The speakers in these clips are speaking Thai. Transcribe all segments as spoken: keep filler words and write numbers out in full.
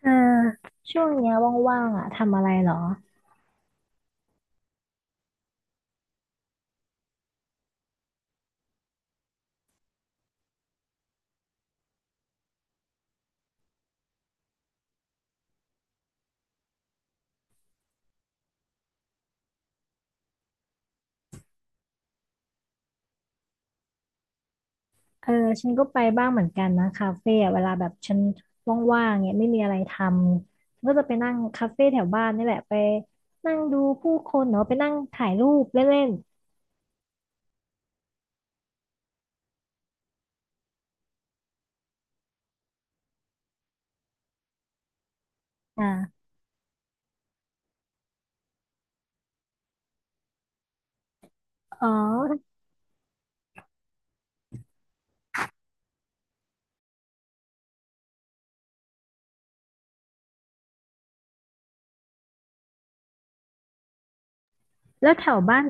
เออช่วงเนี้ยว่างๆอ่ะทำอะไรเหรอเออฉันก็ไปบ้างเหมือนกันนะคาเฟ่อะเวลาแบบฉันว่างๆเนี่ยไม่มีอะไรทำฉันก็จะไปนั่งคาเฟ่แถวบ้านนี่แหละไปนั่งดูผู้คนเนาะไปนั่งถ่ายรูปเล่นๆอ่าอ๋อแล้วแถวบ้าน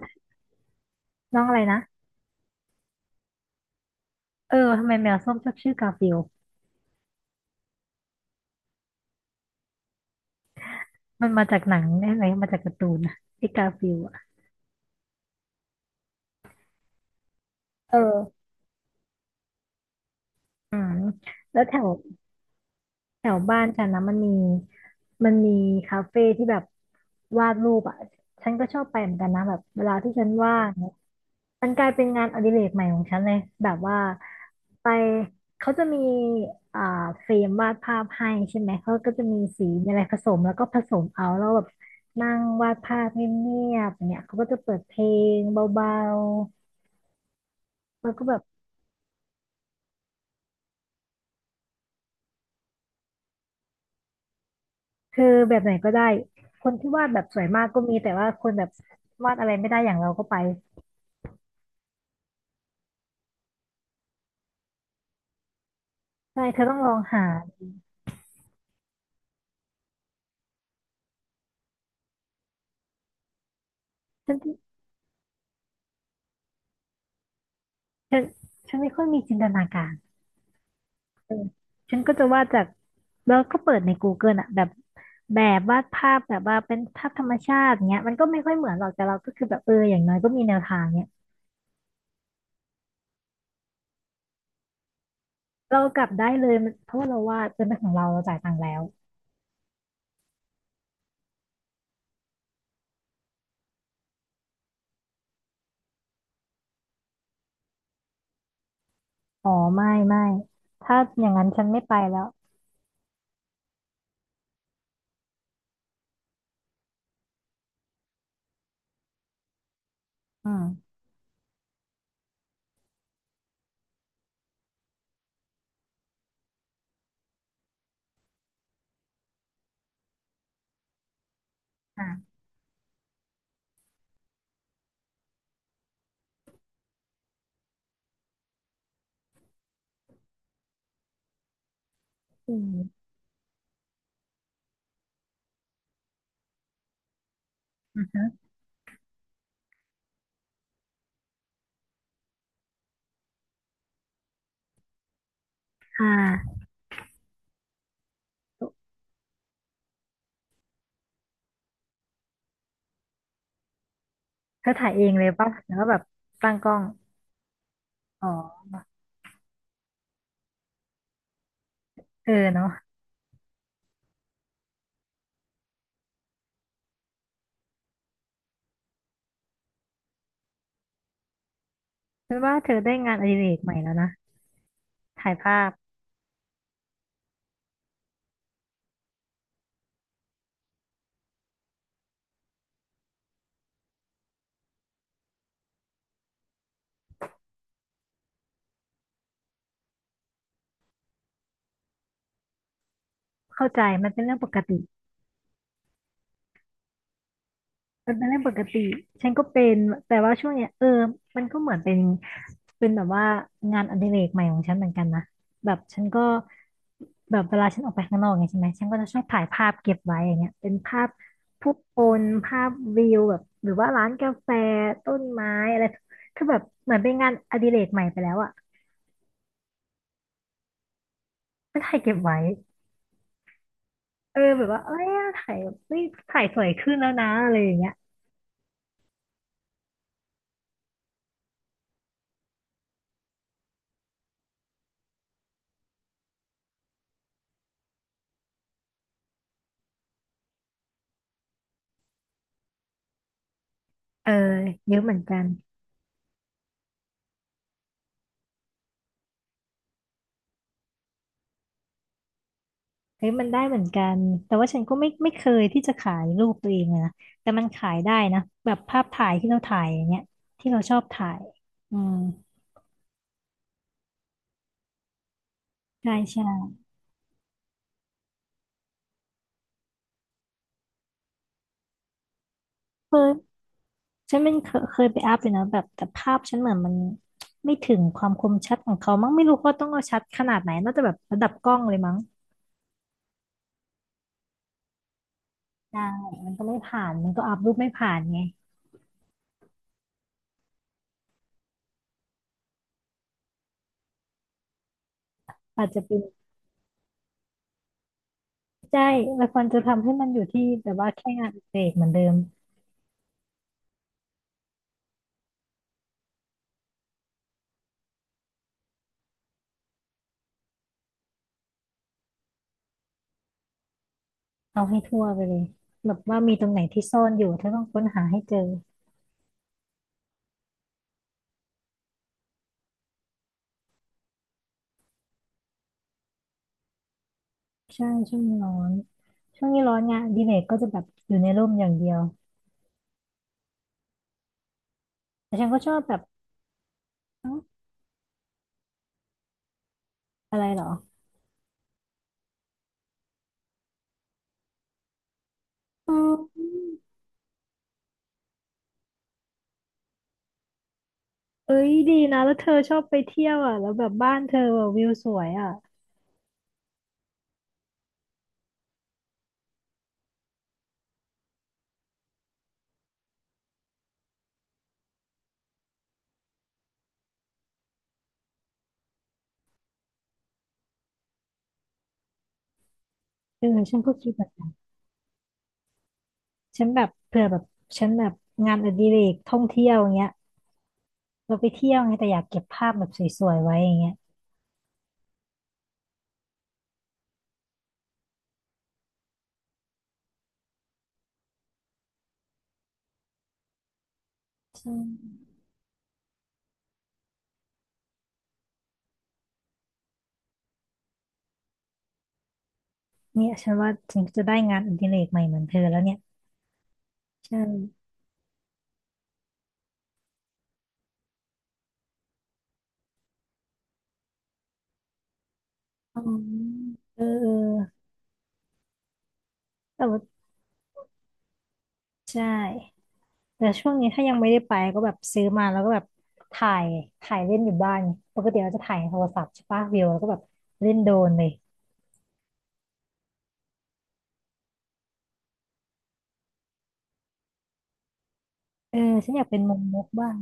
น้องอะไรนะเออทำไมแมวส้มชอบชื่อกาฟิลด์มันมาจากหนังอะไรมมาจากการ์ตูนนะไอ้กาฟิลด์อะเอออืมแล้วแถว แถวบ้านฉันนะมันมีมันมีคาเฟ่ที่แบบวาดรูปอ่ะฉันก็ชอบไปเหมือนกันนะแบบเวลาที่ฉันว่างเนี่ยมันกลายเป็นงานอดิเรกใหม่ของฉันเลยแบบว่าไปเขาจะมีอ่าเฟรมวาดภาพให้ใช่ไหมเขาก็จะมีสีมีอะไรผสมแล้วก็ผสมเอาแล้วแบบนั่งวาดภาพเงียบๆเนี่ยเขาก็จะเปิดเพลงเบาๆแล้วก็แบบคือแบบไหนก็ได้คนที่วาดแบบสวยมากก็มีแต่ว่าคนแบบวาดอะไรไม่ได้อย่างเราก็ไป ใช่เธอต้องลองหาฉันฉันฉันไม่ค่อยมีจินตนาการเออฉันก็จะวาดจากแล้วก็เปิดใน Google อ่ะแบบแบบวาดภาพแบบว่าเป็นภาพธรรมชาติเงี้ยมันก็ไม่ค่อยเหมือนหรอกแต่เราก็คือแบบเอออย่างน้อยก็มีแนวทางเนี้ยเรากลับได้เลยมันเพราะว่าเราวาดเป็นของเราเราจ่ายตังค์แล้วอ๋อไม่ไม่ถ้าอย่างนั้นฉันไม่ไปแล้วอืมอ่ะอืมอือฮึค่ะเธอถ่ายเองเลยป่ะแล้วก็แบบตั้งกล้องอ๋อเออเนาะฉันว่าเธอได้งานอดิเรกใหม่แล้วนะ ถ่ายภาพเข้าใจมันเป็นเรื่องปกติมันเป็นเรื่องปกติฉันก็เป็นแต่ว่าช่วงเนี้ยเออมันก็เหมือนเป็นเป็นแบบว่างานอดิเรกใหม่ของฉันเหมือนกันนะแบบฉันก็แบบเวลาฉันออกไปข้างนอกไงใช่ไหมฉันก็จะชอบถ่ายภาพเก็บไว้อย่างเงี้ยเป็นภาพผู้คนภาพวิวแบบหรือว่าร้านกาแฟต้นไม้อะไรคือแบบเหมือนเป็นงานอดิเรกใหม่ไปแล้วอะก็ถ่ายเก็บไว้เออแบบว่าเอ้ยถ่ายเฮ้ยถ่ายสวยขึ้นแล้วนะอะไรอย่างเงี้ยเออเยอะเหมือนกัน เฮ้ยมันได้เหมือนกันแต่ว่าฉันก็ไม่ไม่เคยที่จะขายรูปตัวเองเลยนะแต่มันขายได้นะแบบภาพถ่ายที่เราถ่ายอย่างเงี้ยที่เราชอบถ่ายอืมใช่ใช่เคยฉันมันเคยเคยไปอัพเลยนะแบบแต่ภาพฉันเหมือนมันไม่ถึงความคมชัดของเขามั้งไม่รู้ว่าต้องเอาชัดขนาดไหนน่าจะแบบระดับกล้องเลยมั้งได้มันก็ไม่ผ่านมันก็อัพรูปไม่ผ่านไงอาจจะเป็นใช่มันควรจะทำให้มันอยู่ที่แบบว่าแค่งานอดิเรกเหมือนเดิม เอาให้ทั่วไปเลยแบบว่ามีตรงไหนที่ซ่อนอยู่ถ้าต้องค้นหาให้เจอใช่ช่วงนี้ร้อน ช่วงนี้ร้อนงานอดีเลยก็จะแบบอยู่ในร่มอย่างเดียวแต่ฉันก็ชอบแบบเอ้าอะไรเหรออ๋อเอ้ยดีนะแล้วเธอชอบไปเที่ยวอ่ะแล้วแบบบ้านเธอแบบวิวสวยอ่ะเออฉันก็คิดแบบนั้นฉันแบบเผื่อแบบฉันแบบงานอดิเรกท่องเที่ยวอย่างเงี้ยเราไปเที่ยวไงแต่อยากเก็บภาพแบบสวยๆไว้อย่างเงี้ยใช่เนี่ยฉันว่าฉันจะได้งานอดิเรกใหม่เหมือนเธอแล้วเนี่ยใช่ อ๋อเออเออแต่ว่าใช่แต่ช่วงนี้ถ้ายังไม่ได้ไปก็แบบซื้อมาแล้วก็แบบถ่ายถ่ายเล่นอยู่บ้านไงปกติเราจะถ่ายโทรศัพท์ใช่ปะวิวแล้วก็แบบเล่นโดรนเลยเออฉันอยากเป็นมุมมุกบ้าง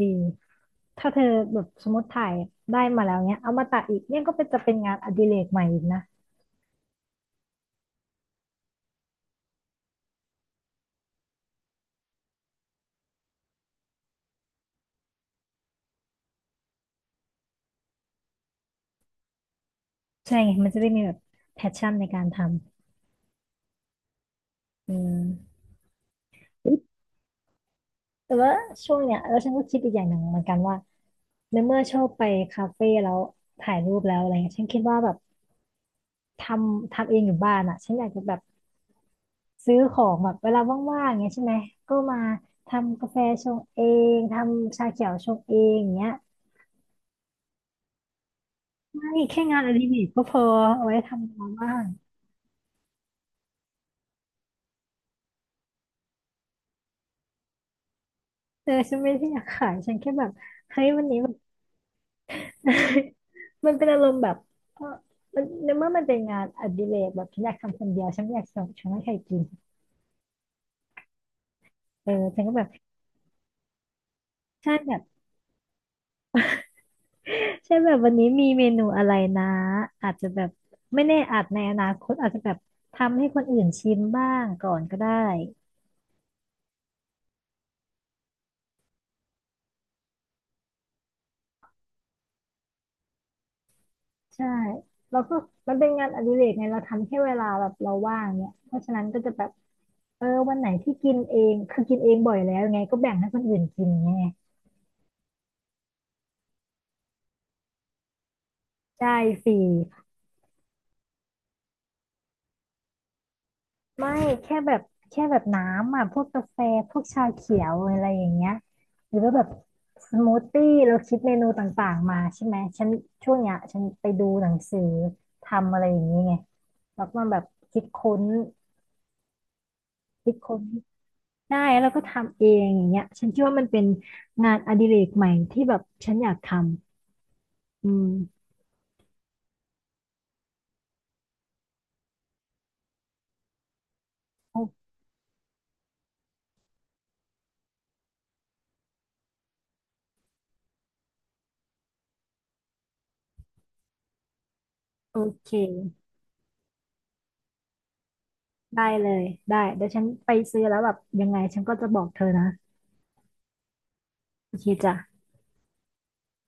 ดีถ้าเธอแบบสมมติถ่ายได้มาแล้วเนี้ยเอามาตัดอีกเนี่ยก็เป็นจะเป็นงานอดิเรกใหม่อีกนะใช่ไงมันจะได้มีแบบแพชชั่นในการทำอืมแต่ว่าช่วงเนี้ยแล้วฉันก็คิดอีกอย่างหนึ่งเหมือนกันว่า ในเมื่อชอบไปคาเฟ่แล้วถ่ายรูปแล้วอะไรเงี้ยฉันคิดว่าแบบทำทำเองอยู่บ้านอ่ะฉันอยากจะแบบซื้อของแบบเวลาว่างๆอย่างเงี้ยใช่ไหมก็มาทำกาแฟชงเองทำชาเขียวชงเองอย่างเงี้ยไม่แค่งานอดิเรกก็พอเอาไว้ทำเวลาว่างเออฉันไม่ได้อยากขายฉันแค่แบบเฮ้ยวันนี้แบบ มันเป็นอารมณ์แบบเออมันในเมื่อมันเป็นงานอดิเรกแบบฉันอยากทำคนเดียวฉันไม่อยากส่งฉันไม่ให้ใครกินเออฉันก็แบบใช่แบบ ใช่แบบวันนี้มีเมนูอะไรนะอาจจะแบบไม่แน่อาจในอนาคตอาจจะแบบทำให้คนอื่นชิมบ้างก่อนก็ได้ใช่แล้วก็มันเป็นงานอดิเรกไงเราทำแค่เวลาแบบเราว่างเนี่ยเพราะฉะนั้นก็จะแบบเออวันไหนที่กินเองคือกินเองบ่อยแล้วไงก็แบ่งให้คนอื่นกินไงใช่ฟรี ไม่แค่แบบแค่แบบน้ำอ่ะพวกกาแฟพวกชาเขียวอะไรอย่างเงี้ยหรือว่าแบบสมูทตี้เราคิดเมนูต่างๆมาใช่ไหมฉันช่วงเนี้ยฉันไปดูหนังสือทำอะไรอย่างนี้ไงแล้วก็แบบคิดค้นคิดค้นได้แล้วก็ทำเองอย่างเงี้ยฉันคิดว่ามันเป็นงานอดิเรกใหม่ที่แบบฉันอยากทำอืมโอโอเคได้เลยได้เดี๋ยวฉันไปซื้อแล้วแบบยังไงฉันก็จะบอกเธอนะโอเคจ้ะ